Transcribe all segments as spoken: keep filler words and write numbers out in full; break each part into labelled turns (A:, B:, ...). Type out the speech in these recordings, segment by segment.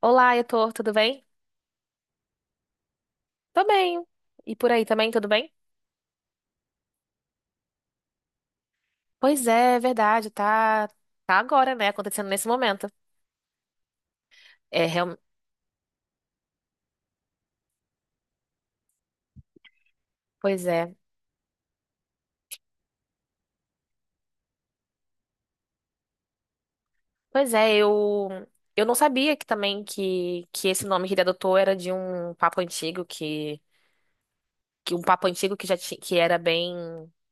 A: Olá, Heitor, tudo bem? Tô bem. E por aí também, tudo bem? Pois é, é verdade, tá, tá agora, né, acontecendo nesse momento. É, real... pois é. Pois é, eu eu não sabia que também que que esse nome que ele adotou era de um papa antigo que que um papa antigo que já tinha que era bem,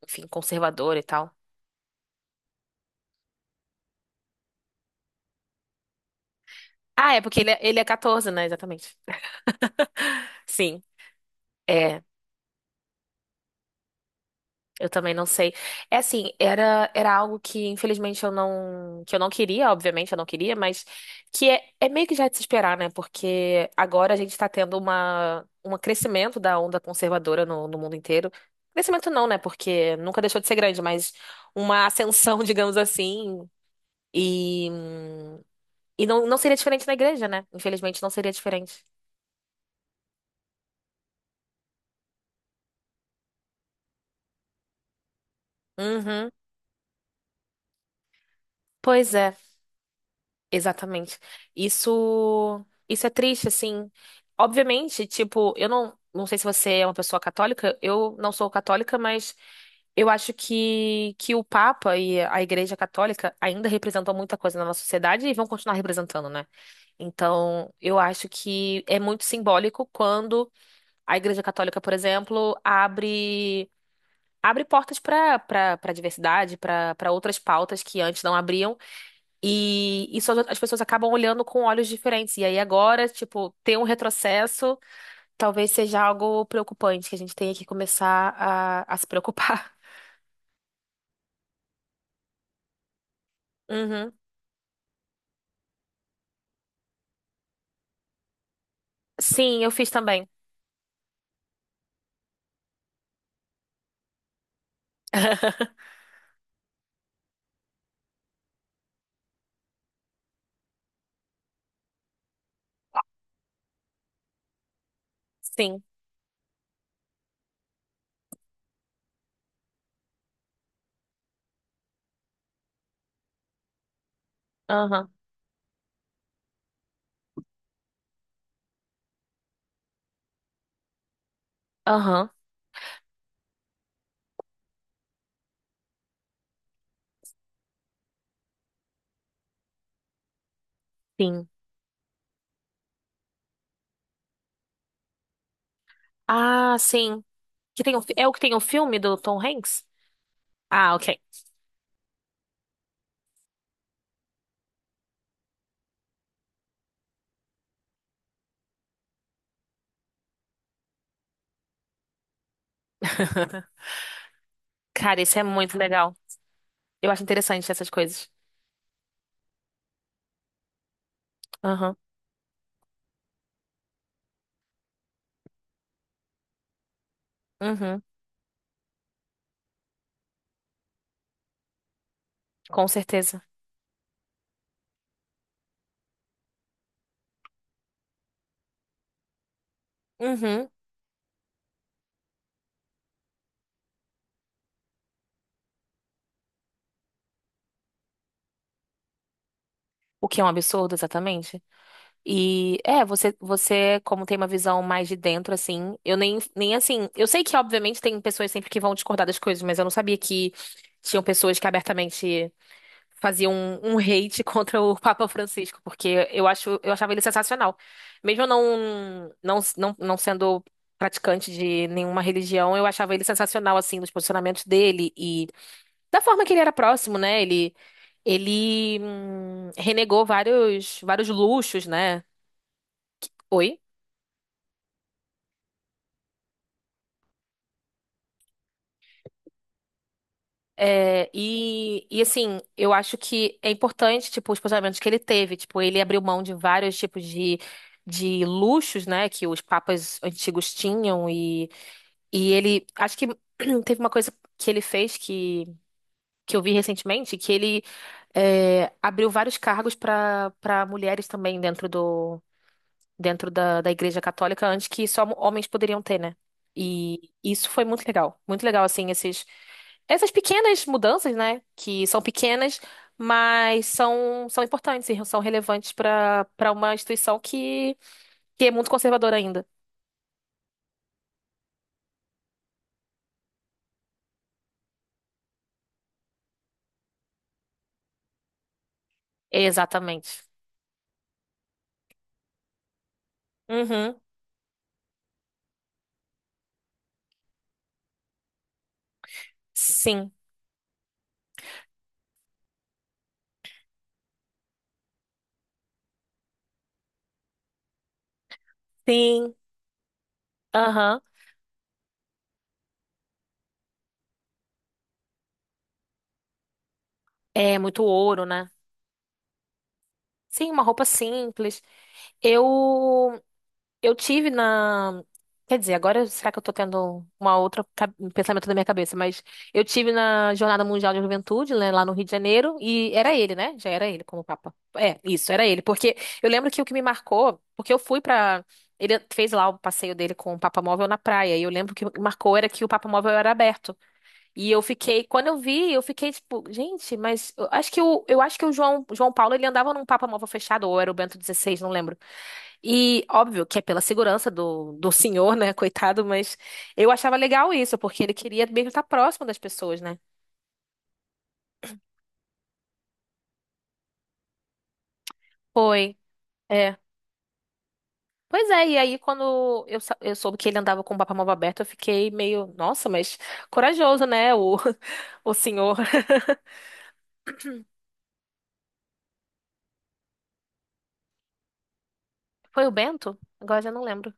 A: enfim, conservador e tal. Ah, é porque ele é, ele é quatorze, né, exatamente. Sim. É. Eu também não sei. É assim, era, era algo que infelizmente eu não, que eu não queria, obviamente eu não queria, mas que é, é meio que já de se esperar, né? Porque agora a gente está tendo uma, um crescimento da onda conservadora no, no mundo inteiro. Crescimento não, né? Porque nunca deixou de ser grande, mas uma ascensão, digamos assim. E, e não, não seria diferente na igreja, né? Infelizmente não seria diferente. Uhum. Pois é. Exatamente. Isso, isso é triste, assim. Obviamente, tipo, eu não, não sei se você é uma pessoa católica, eu não sou católica, mas eu acho que, que o Papa e a Igreja Católica ainda representam muita coisa na nossa sociedade e vão continuar representando, né? Então, eu acho que é muito simbólico quando a Igreja Católica, por exemplo, abre abre portas para para para diversidade, para para outras pautas que antes não abriam e isso as as pessoas acabam olhando com olhos diferentes. E aí agora, tipo, ter um retrocesso talvez seja algo preocupante, que a gente tenha que começar a, a se preocupar. Uhum. Sim, eu fiz também. Sim. Aham. Aham. Sim. Ah, sim. Que tem um fi- é o que tem o filme do Tom Hanks? Ah, ok. Cara, isso é muito legal. Eu acho interessante essas coisas. Aham. Uhum. Com certeza. Uhum. O que é um absurdo, exatamente? E é, você, você, como tem uma visão mais de dentro, assim, eu nem, nem assim. Eu sei que, obviamente, tem pessoas sempre que vão discordar das coisas, mas eu não sabia que tinham pessoas que abertamente faziam um, um hate contra o Papa Francisco, porque eu acho, eu achava ele sensacional. Mesmo eu não, não, não, não sendo praticante de nenhuma religião, eu achava ele sensacional, assim, nos posicionamentos dele e da forma que ele era próximo, né? Ele, ele hum, renegou vários, vários luxos, né? Oi? É, e, e assim, eu acho que é importante, tipo, os posicionamentos que ele teve. Tipo, ele abriu mão de vários tipos de, de luxos, né, que os papas antigos tinham. E, e ele, acho que teve uma coisa que ele fez que, que eu vi recentemente, que ele é, abriu vários cargos para para mulheres também dentro do, dentro da, da Igreja Católica antes que só homens poderiam ter, né? E isso foi muito legal. Muito legal, assim, esses, essas pequenas mudanças, né? Que são pequenas, mas são, são importantes e são relevantes para para uma instituição que, que é muito conservadora ainda. Exatamente. Uhum. Sim. Sim. Aham. É muito ouro, né? Sim, uma roupa simples. Eu. Eu tive na. Quer dizer, agora será que eu tô tendo uma outra ca- um pensamento na minha cabeça? Mas eu tive na Jornada Mundial de Juventude, né, lá no Rio de Janeiro, e era ele, né? Já era ele como Papa. É, isso, era ele. Porque eu lembro que o que me marcou, porque eu fui pra. Ele fez lá o passeio dele com o Papa Móvel na praia, e eu lembro que o que marcou era que o Papa Móvel era aberto. E eu fiquei, quando eu vi, eu fiquei tipo, gente, mas eu acho que o, eu acho que o João, João Paulo ele andava num Papa Móvel fechado, ou era o Bento dezesseis, não lembro. E óbvio que é pela segurança do, do senhor, né? Coitado, mas eu achava legal isso, porque ele queria mesmo estar próximo das pessoas, né? Foi, é. Pois é, e aí quando eu, sa- eu soube que ele andava com o papamóvel aberto, eu fiquei meio, nossa, mas corajoso, né? O, o senhor. Foi o Bento? Agora já não lembro.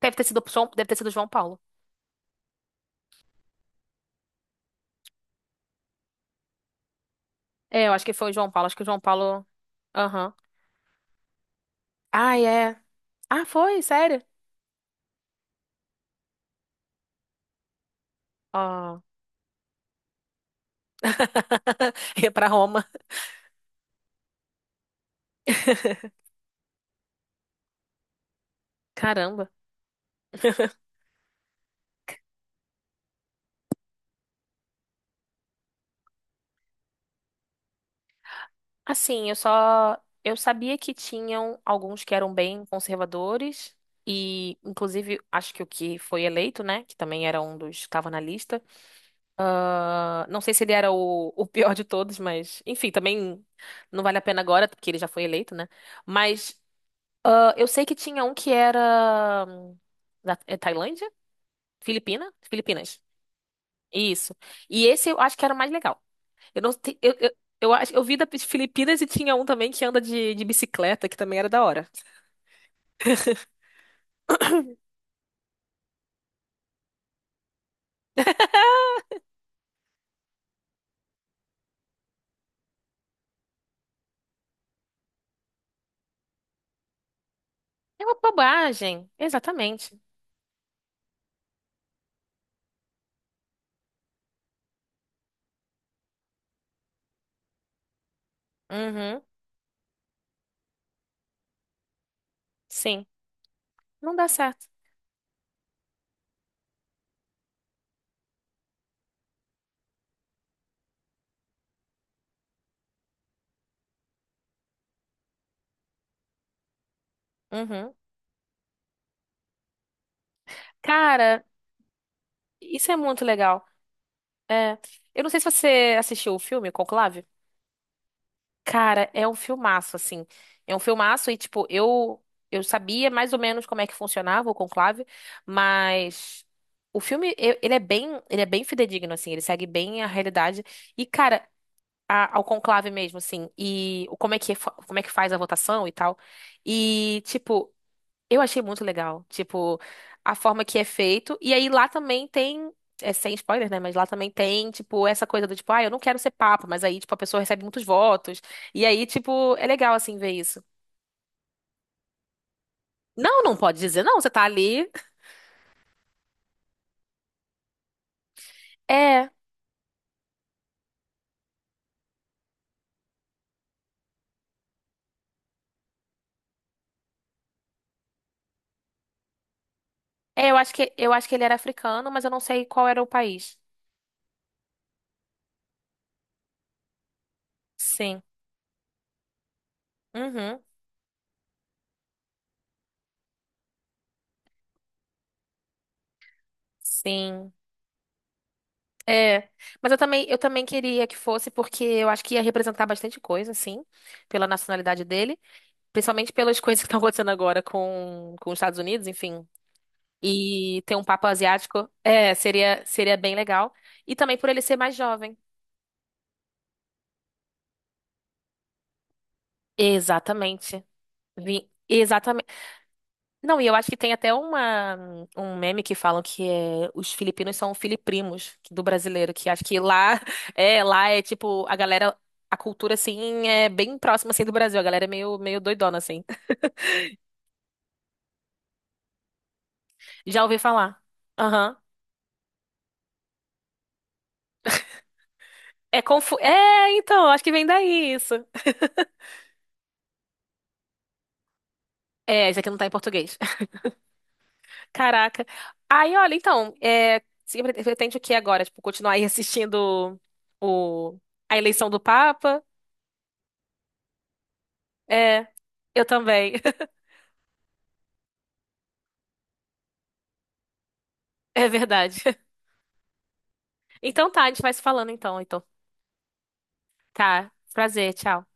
A: Deve ter sido o João, deve ter sido o João Paulo. É, eu acho que foi o João Paulo, acho que o João Paulo. Aham. Ah, é. Ah, foi, sério? Ó. Ia pra Roma. Caramba. Assim, eu só. Eu sabia que tinham alguns que eram bem conservadores, e inclusive acho que o que foi eleito, né? Que também era um dos que estava na lista. Ah, não sei se ele era o, o pior de todos, mas enfim, também não vale a pena agora, porque ele já foi eleito, né? Mas ah, eu sei que tinha um que era. hum, Da, é Tailândia? Filipina? Filipinas. Isso. E esse eu acho que era o mais legal. Eu não sei. Eu, eu, eu acho. Eu vi da Filipinas e tinha um também que anda de, de bicicleta, que também era da hora. É uma bobagem. Exatamente. Uhum. Sim. Não dá certo. Uhum. Cara, isso é muito legal. É. Eu não sei se você assistiu o filme Conclave. Cara, é um filmaço, assim. É um filmaço e, tipo, eu, eu sabia mais ou menos como é que funcionava o Conclave, mas. O filme, eu- ele é bem, ele é bem fidedigno, assim, ele segue bem a realidade. E, cara, a- ao conclave mesmo, assim, e o- como é que, fa- como é que faz a votação e tal. E, tipo, eu achei muito legal, tipo, a forma que é feito. E aí lá também tem, é sem spoiler, né? Mas lá também tem, tipo, essa coisa do tipo, ah, eu não quero ser papa, mas aí, tipo, a pessoa recebe muitos votos. E aí, tipo, é legal, assim, ver isso. Não, não pode dizer, não, você tá ali. É, é, eu acho que, eu acho que ele era africano, mas eu não sei qual era o país. Sim. Uhum. Sim. É, mas eu também, eu também queria que fosse, porque eu acho que ia representar bastante coisa, assim, pela nacionalidade dele, principalmente pelas coisas que estão acontecendo agora com, com os Estados Unidos, enfim. E ter um papo asiático, é, seria, seria bem legal. E também por ele ser mais jovem. Exatamente. Vi, Não, e eu acho que tem até uma, um meme que falam que é, os filipinos são filiprimos do brasileiro, que acho que lá é, lá é tipo, a galera, a cultura assim é bem próxima assim do Brasil, a galera é meio, meio doidona assim. Já ouvi falar. Aham. É confu... É, então, acho que vem daí isso. É, isso aqui não tá em português. Caraca. Aí, olha, então, é, você pre- pretende o que agora? Tipo, continuar aí assistindo o, a eleição do Papa? É, eu também. É verdade. Então tá, a gente vai se falando então, então. Tá, prazer, tchau.